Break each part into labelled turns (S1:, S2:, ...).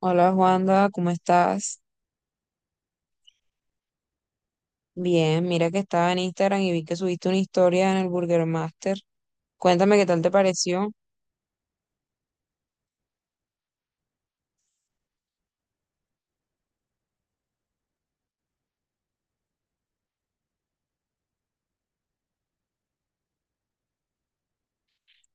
S1: Hola Juanda, ¿cómo estás? Bien, mira que estaba en Instagram y vi que subiste una historia en el Burger Master. Cuéntame qué tal te pareció.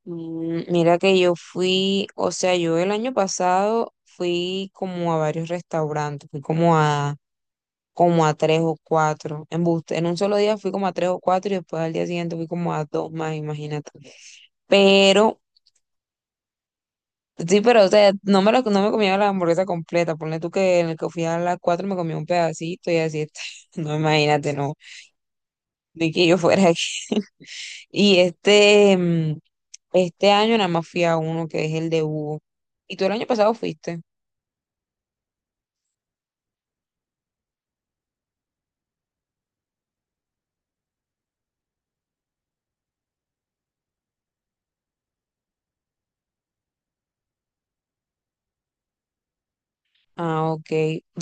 S1: Mira que yo fui, o sea, yo el año pasado fui como a varios restaurantes, fui como a tres o cuatro. En un solo día fui como a tres o cuatro y después al día siguiente fui como a dos más, imagínate. Pero sí, pero o sea, no me comía la hamburguesa completa. Ponle tú que en el que fui a las 4 me comí un pedacito y así está. No, imagínate, no. Ni que yo fuera aquí. Y este año nada más fui a uno que es el de Hugo. ¿Y tú el año pasado fuiste? Ah, ok.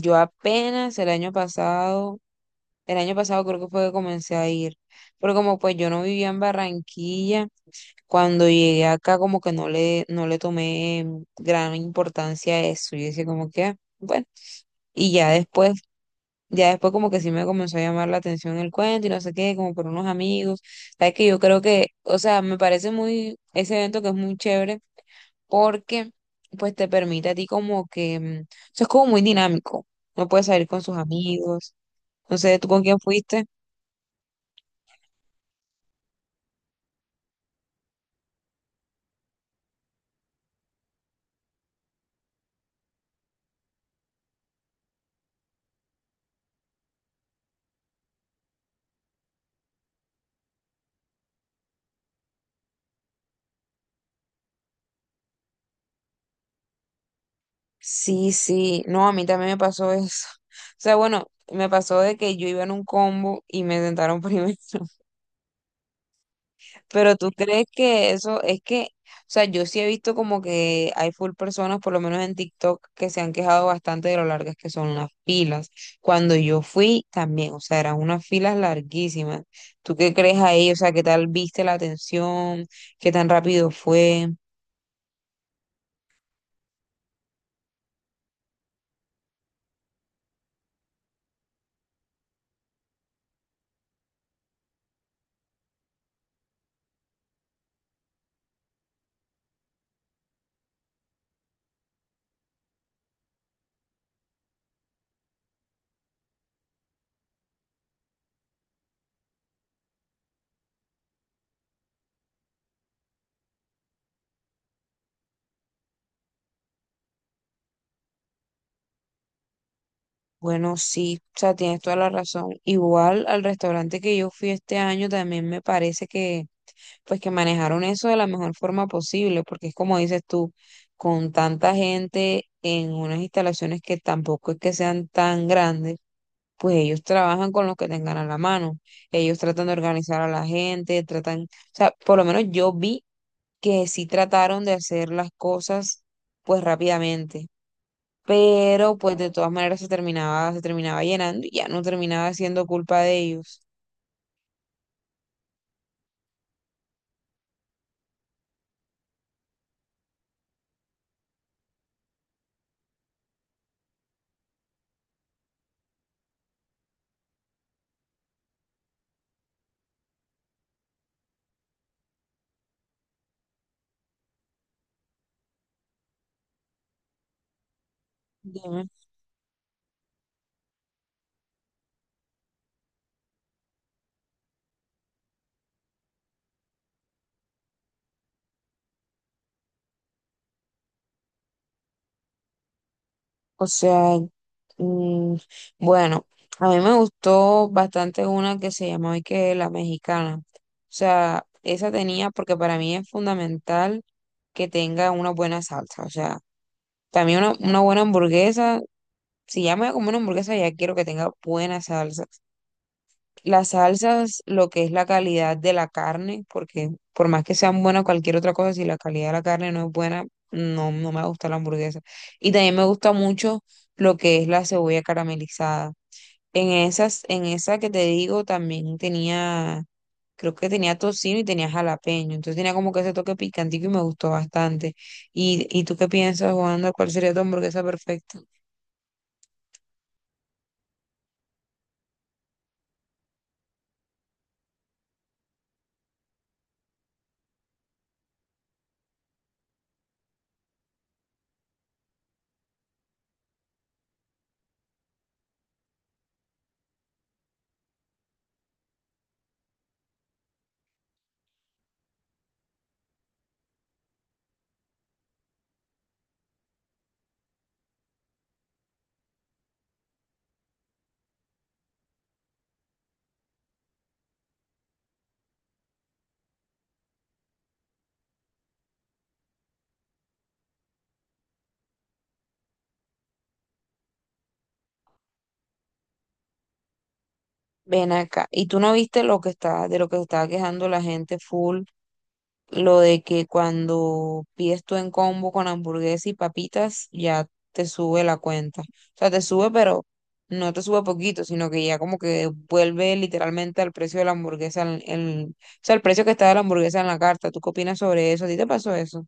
S1: Yo apenas el año pasado creo que fue que comencé a ir. Pero como pues yo no vivía en Barranquilla. Cuando llegué acá como que no le tomé gran importancia a eso. Yo decía como que: "Ah, bueno, y ya después como que sí me comenzó a llamar la atención el cuento y no sé qué", como por unos amigos. Sabes que yo creo que, o sea, me parece ese evento que es muy chévere, porque pues te permite a ti como que, es como muy dinámico. No puedes salir con sus amigos. No sé, ¿tú con quién fuiste? Sí, sí, no, a mí también me pasó eso. O sea, bueno, me pasó de que yo iba en un combo y me sentaron primero. Pero tú crees que eso es que, o sea, yo sí he visto como que hay full personas, por lo menos en TikTok, que se han quejado bastante de lo largas que son las filas. Cuando yo fui también, o sea, eran unas filas larguísimas. ¿Tú qué crees ahí? O sea, ¿qué tal viste la atención? ¿Qué tan rápido fue? Bueno, sí, o sea, tienes toda la razón. Igual al restaurante que yo fui este año también me parece que, pues que manejaron eso de la mejor forma posible, porque es como dices tú, con tanta gente en unas instalaciones que tampoco es que sean tan grandes, pues ellos trabajan con los que tengan a la mano. Ellos tratan de organizar a la gente, tratan, o sea, por lo menos yo vi que sí trataron de hacer las cosas pues rápidamente, pero pues de todas maneras se terminaba llenando y ya no terminaba siendo culpa de ellos. Dime. O sea, mm, bueno, a mí me gustó bastante una que se llamaba y que la mexicana. O sea, esa tenía, porque para mí es fundamental que tenga una buena salsa. O sea, también una buena hamburguesa, si ya me voy a comer una hamburguesa, ya quiero que tenga buena salsa. Las salsas, lo que es la calidad de la carne, porque por más que sean buenas cualquier otra cosa, si la calidad de la carne no es buena, no, no me gusta la hamburguesa. Y también me gusta mucho lo que es la cebolla caramelizada. En esa que te digo, también tenía, creo que tenía tocino y tenía jalapeño. Entonces tenía como que ese toque picantico y me gustó bastante. Y tú qué piensas, Juanda? ¿Cuál sería tu hamburguesa perfecta? Ven acá. ¿Y tú no viste lo que está, de lo que estaba quejando la gente full? Lo de que cuando pides tú en combo con hamburguesa y papitas, ya te sube la cuenta. O sea, te sube, pero no te sube poquito, sino que ya como que vuelve literalmente al precio de la hamburguesa, el precio que está de la hamburguesa en la carta. ¿Tú qué opinas sobre eso? ¿A ti te pasó eso?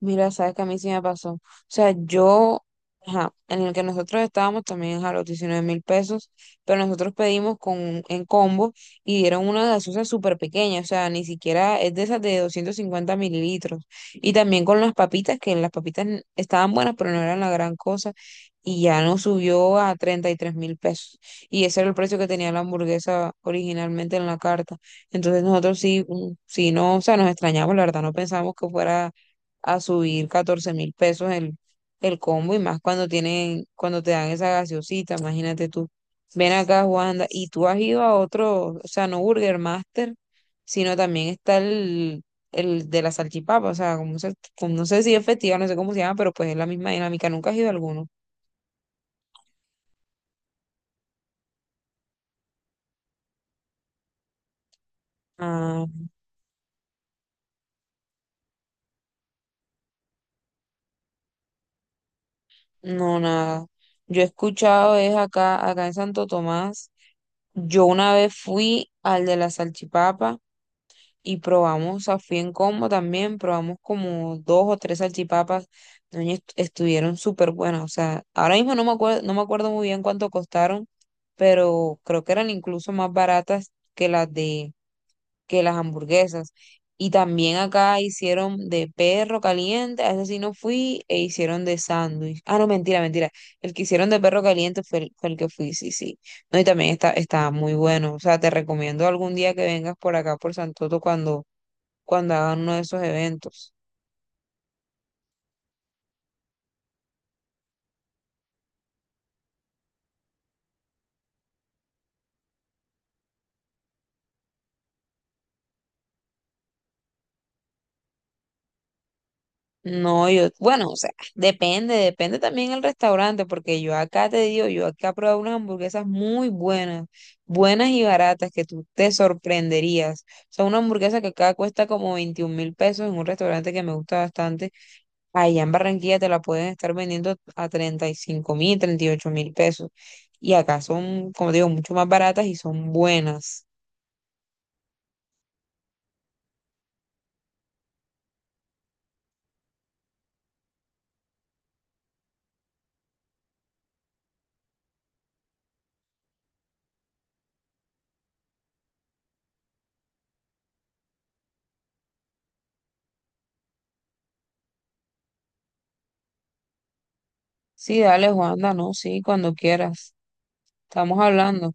S1: Mira, sabes que a mí sí me pasó. O sea, yo, ajá, en el que nosotros estábamos también a los $19.000, pero nosotros pedimos en combo y dieron una gaseosa súper pequeña, o sea, ni siquiera es de esas de 250 ml. Y también con las papitas, que las estaban buenas, pero no eran la gran cosa, y ya nos subió a $33.000. Y ese era el precio que tenía la hamburguesa originalmente en la carta. Entonces nosotros sí, sí, no, o sea, nos extrañamos, la verdad, no pensamos que fuera a subir $14.000 el combo, y más cuando tienen, cuando te dan esa gaseosita, imagínate tú. Ven acá, Juanda, y tú has ido a otro, o sea, no Burger Master, sino también está el de la salchipapa, o sea, como no sé si es festival, no sé cómo se llama, pero pues es la misma dinámica, nunca has ido a alguno. Ah, no, nada. Yo he escuchado es acá en Santo Tomás. Yo una vez fui al de la salchipapa y probamos, a fui en combo también, probamos como dos o tres salchipapas, doña, estuvieron súper buenas, o sea, ahora mismo no me acuerdo muy bien cuánto costaron, pero creo que eran incluso más baratas que que las hamburguesas. Y también acá hicieron de perro caliente, a ese sí no fui, e hicieron de sándwich. Ah, no, mentira, mentira. El que hicieron de perro caliente fue fue el que fui, sí, sí. No, y también está, está muy bueno. O sea, te recomiendo algún día que vengas por acá, por Santoto, cuando hagan uno de esos eventos. No, yo, bueno, o sea, depende también el restaurante, porque yo acá te digo, yo acá he probado unas hamburguesas muy buenas, buenas y baratas, que tú te sorprenderías. O sea, una hamburguesa que acá cuesta como $21.000 en un restaurante que me gusta bastante, allá en Barranquilla te la pueden estar vendiendo a 35.000, $38.000. Y acá son, como digo, mucho más baratas y son buenas. Sí, dale, Juanda, no, sí, cuando quieras. Estamos hablando.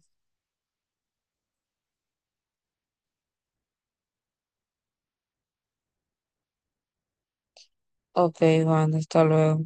S1: Ok, Juan, hasta luego.